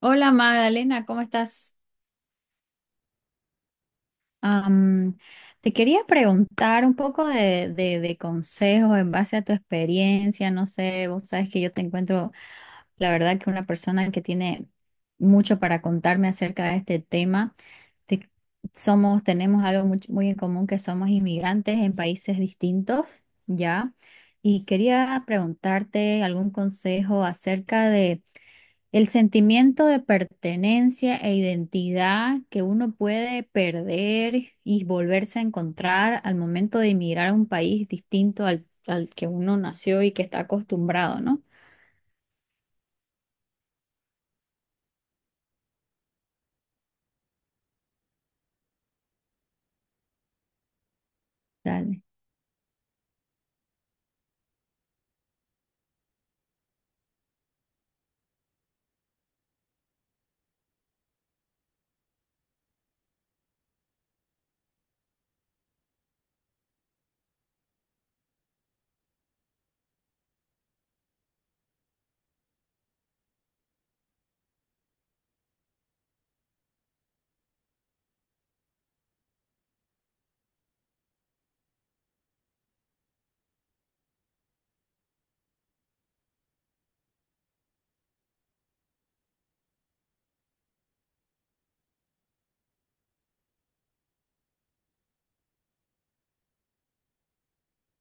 Hola Magdalena, ¿cómo estás? Am, Te quería preguntar un poco de consejos en base a tu experiencia. No sé, vos sabes que yo te encuentro, la verdad, que una persona que tiene mucho para contarme acerca de este tema. Te- Somos, tenemos algo muy, muy en común, que somos inmigrantes en países distintos, ¿ya? Y quería preguntarte algún consejo acerca de el sentimiento de pertenencia e identidad que uno puede perder y volverse a encontrar al momento de emigrar a un país distinto al que uno nació y que está acostumbrado, ¿no? Dale.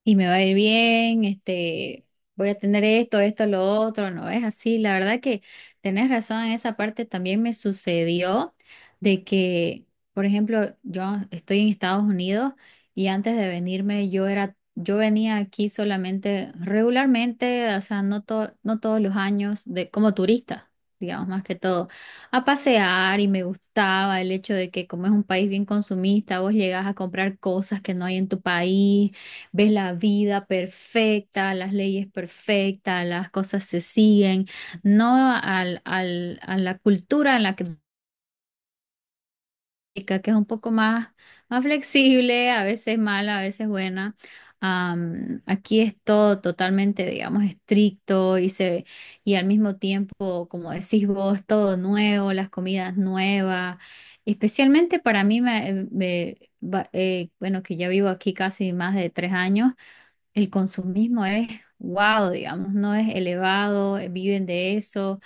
Y me va a ir bien, este, voy a tener esto, esto, lo otro, no es así. La verdad que tenés razón en esa parte. También me sucedió de que, por ejemplo, yo estoy en Estados Unidos y antes de venirme, yo era, yo venía aquí solamente regularmente. O sea, no todos los años, de como turista, digamos, más que todo, a pasear. Y me gustaba el hecho de que, como es un país bien consumista, vos llegás a comprar cosas que no hay en tu país, ves la vida perfecta, las leyes perfectas, las cosas se siguen, no a la cultura en la que chica, que es un poco más, más flexible, a veces mala, a veces buena. Aquí es todo totalmente, digamos, estricto. Y se, y al mismo tiempo, como decís vos, todo nuevo, las comidas nuevas. Especialmente para mí, me, em, me- va- bueno, que ya vivo aquí casi más de 3 años, el consumismo es wow, digamos, no es elevado, viven de eso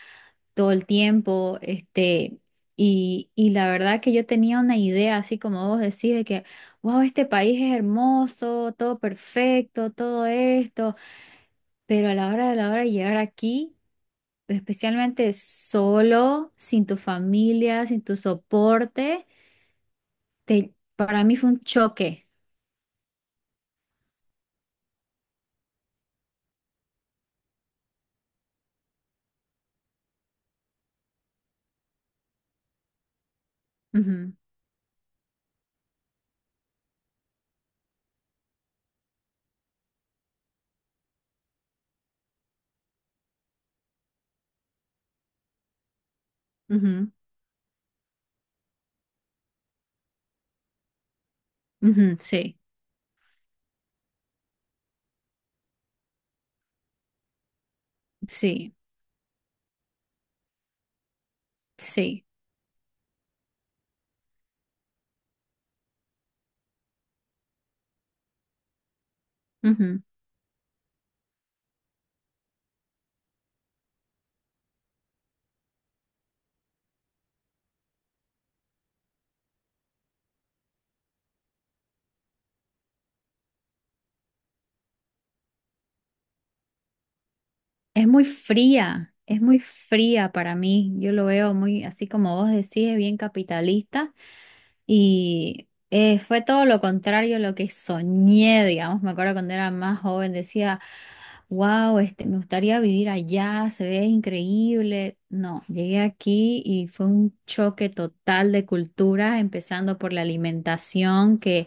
todo el tiempo, este. Y la verdad que yo tenía una idea, así como vos decís, de que wow, este país es hermoso, todo perfecto, todo esto. Pero a la hora de llegar aquí, especialmente solo, sin tu familia, sin tu soporte, para mí fue un choque. Ujú, ujú, ujú, sí, sí, sí. Es muy fría para mí. Yo lo veo muy, así como vos decís, es bien capitalista. Y fue todo lo contrario a lo que soñé, digamos. Me acuerdo cuando era más joven, decía, wow, este, me gustaría vivir allá, se ve increíble. No, llegué aquí y fue un choque total de culturas, empezando por la alimentación, que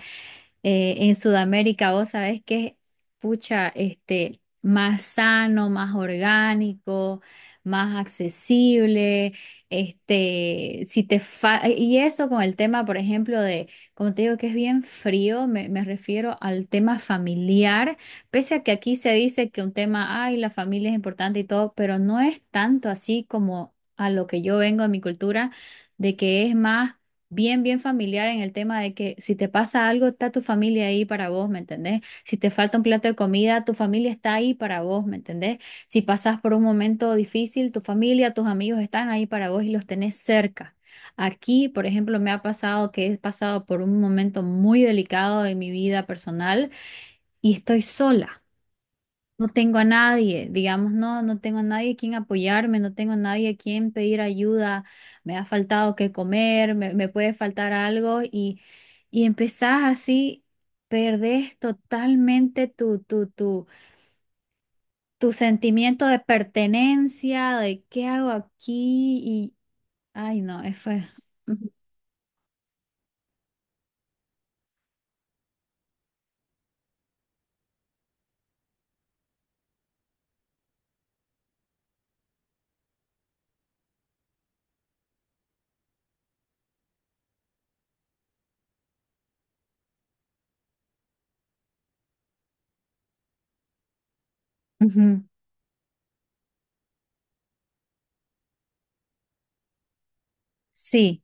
en Sudamérica, vos sabés que, pucha, este, más sano, más orgánico, más accesible, este. Si te fa- Y eso con el tema, por ejemplo, de, como te digo, que es bien frío. Me refiero al tema familiar, pese a que aquí se dice que un tema, ay, la familia es importante y todo, pero no es tanto así como a lo que yo vengo a mi cultura, de que es más bien, bien familiar en el tema de que, si te pasa algo, está tu familia ahí para vos, ¿me entendés? Si te falta un plato de comida, tu familia está ahí para vos, ¿me entendés? Si pasás por un momento difícil, tu familia, tus amigos están ahí para vos y los tenés cerca. Aquí, por ejemplo, me ha pasado que he pasado por un momento muy delicado en mi vida personal y estoy sola. No tengo a nadie, digamos. No, no tengo a nadie a quien apoyarme, no tengo a nadie a quien pedir ayuda, me ha faltado que comer, me puede faltar algo. Y, y empezás así, perdés totalmente tu, tu, tu, tu sentimiento de pertenencia, de qué hago aquí. Y ay no, es fue. Ujú, ujú. Sí,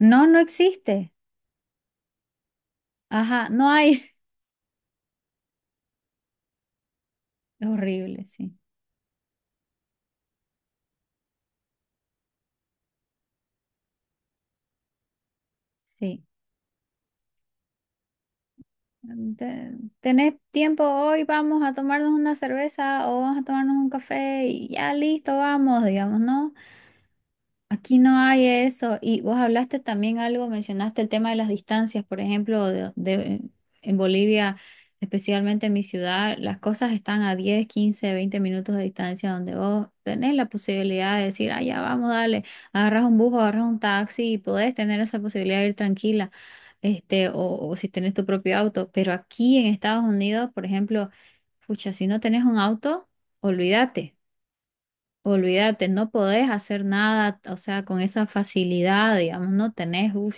no, no existe, ajá, no hay, es horrible, sí, sí. Te- ¿Tenés tiempo hoy? Vamos a tomarnos una cerveza o vamos a tomarnos un café y ya listo, vamos, digamos, ¿no? Aquí no hay eso. Y vos hablaste también algo, mencionaste el tema de las distancias. Por ejemplo, en Bolivia, especialmente en mi ciudad, las cosas están a 10, 15, 20 minutos de distancia, donde vos tenés la posibilidad de decir, ah, ya vamos, dale, agarras un bus o agarras un taxi y podés tener esa posibilidad de ir tranquila, este. O si tenés tu propio auto. Pero aquí en Estados Unidos, por ejemplo, pucha, si no tenés un auto, olvídate, olvídate, no podés hacer nada, o sea, con esa facilidad, digamos. No tenés, uff,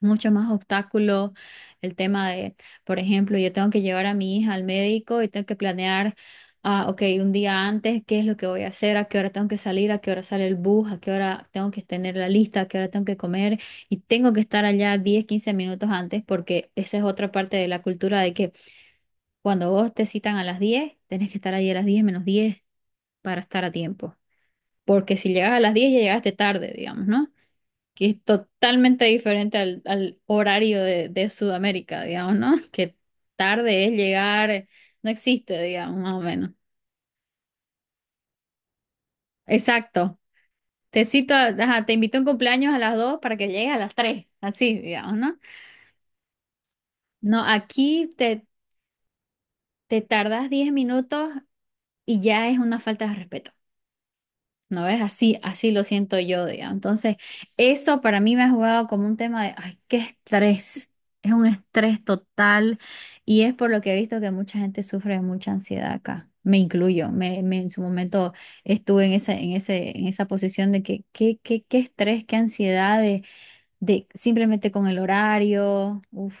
mucho más obstáculos, el tema de, por ejemplo, yo tengo que llevar a mi hija al médico y tengo que planear, ah, ok, un día antes, qué es lo que voy a hacer, a qué hora tengo que salir, a qué hora sale el bus, a qué hora tengo que tener la lista, a qué hora tengo que comer, y tengo que estar allá 10 15 minutos antes, porque esa es otra parte de la cultura, de que cuando vos te citan a las 10, tenés que estar ahí a las 10 menos 10 para estar a tiempo. Porque si llegas a las 10 ya llegaste tarde, digamos, ¿no? Que es totalmente diferente al, al horario de Sudamérica, digamos, ¿no? Que tarde es llegar, no existe, digamos, más o menos. Exacto. Te cito, a- ajá, te invito a un cumpleaños a las 2 para que llegues a las 3, así, digamos, ¿no? No, aquí te tardas 10 minutos y ya es una falta de respeto. ¿No ves? Así, así lo siento yo, digamos. Entonces, eso para mí me ha jugado como un tema de, ay, qué estrés. Es un estrés total, y es por lo que he visto que mucha gente sufre de mucha ansiedad acá. Me incluyo. En su momento estuve en esa, en ese, en esa posición de que qué estrés, qué ansiedad, de simplemente con el horario. Uf.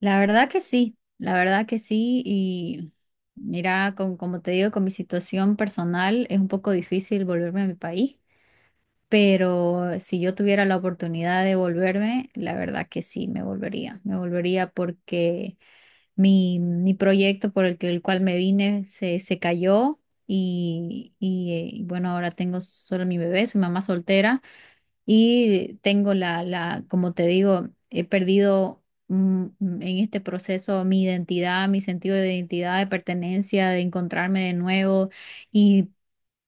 La verdad que sí, la verdad que sí. Y mira, con, como te digo, con mi situación personal es un poco difícil volverme a mi país, pero si yo tuviera la oportunidad de volverme, la verdad que sí, me volvería. Me volvería porque mi proyecto por el que, el cual me vine se, se cayó. Y bueno, ahora tengo solo mi bebé, soy mamá soltera. Y tengo como te digo, he perdido, en este proceso, mi identidad, mi sentido de identidad, de pertenencia, de encontrarme de nuevo. Y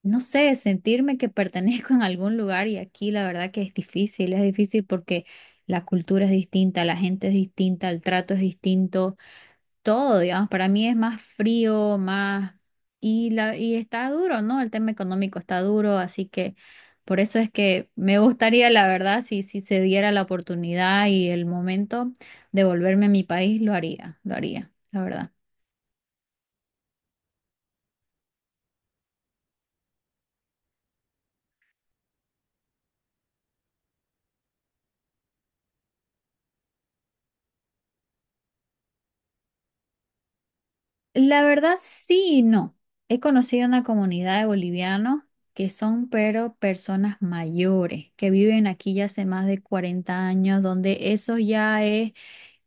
no sé, sentirme que pertenezco en algún lugar. Y aquí la verdad que es difícil porque la cultura es distinta, la gente es distinta, el trato es distinto, todo, digamos, para mí es más frío, más... Y la, y está duro, ¿no? El tema económico está duro, así que por eso es que me gustaría, la verdad, si, si se diera la oportunidad y el momento de volverme a mi país, lo haría, la verdad. La verdad, sí y no. He conocido una comunidad de bolivianos, que son pero personas mayores, que viven aquí ya hace más de 40 años, donde eso ya es,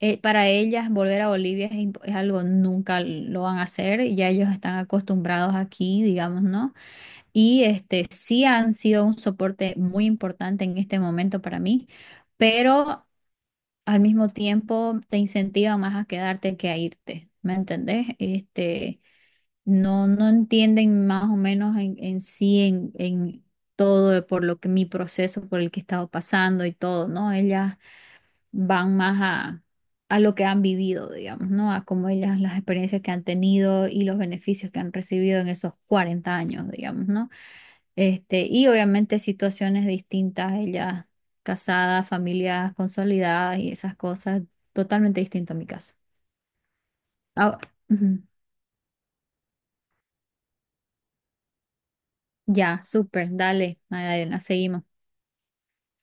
para ellas volver a Bolivia es algo, nunca lo van a hacer, ya ellos están acostumbrados aquí, digamos, ¿no? Y este sí han sido un soporte muy importante en este momento para mí. Pero al mismo tiempo te incentiva más a quedarte que a irte, ¿me entendés? Este no, no entienden más o menos en sí, en todo, de por lo que mi proceso, por el que he estado pasando, y todo, ¿no? Ellas van más a lo que han vivido, digamos, ¿no? A cómo ellas, las experiencias que han tenido y los beneficios que han recibido en esos 40 años, digamos, ¿no? Este, y obviamente situaciones distintas, ellas casadas, familias consolidadas y esas cosas, totalmente distinto a mi caso. Ah, ujú. Ya, súper, dale, Magdalena, seguimos.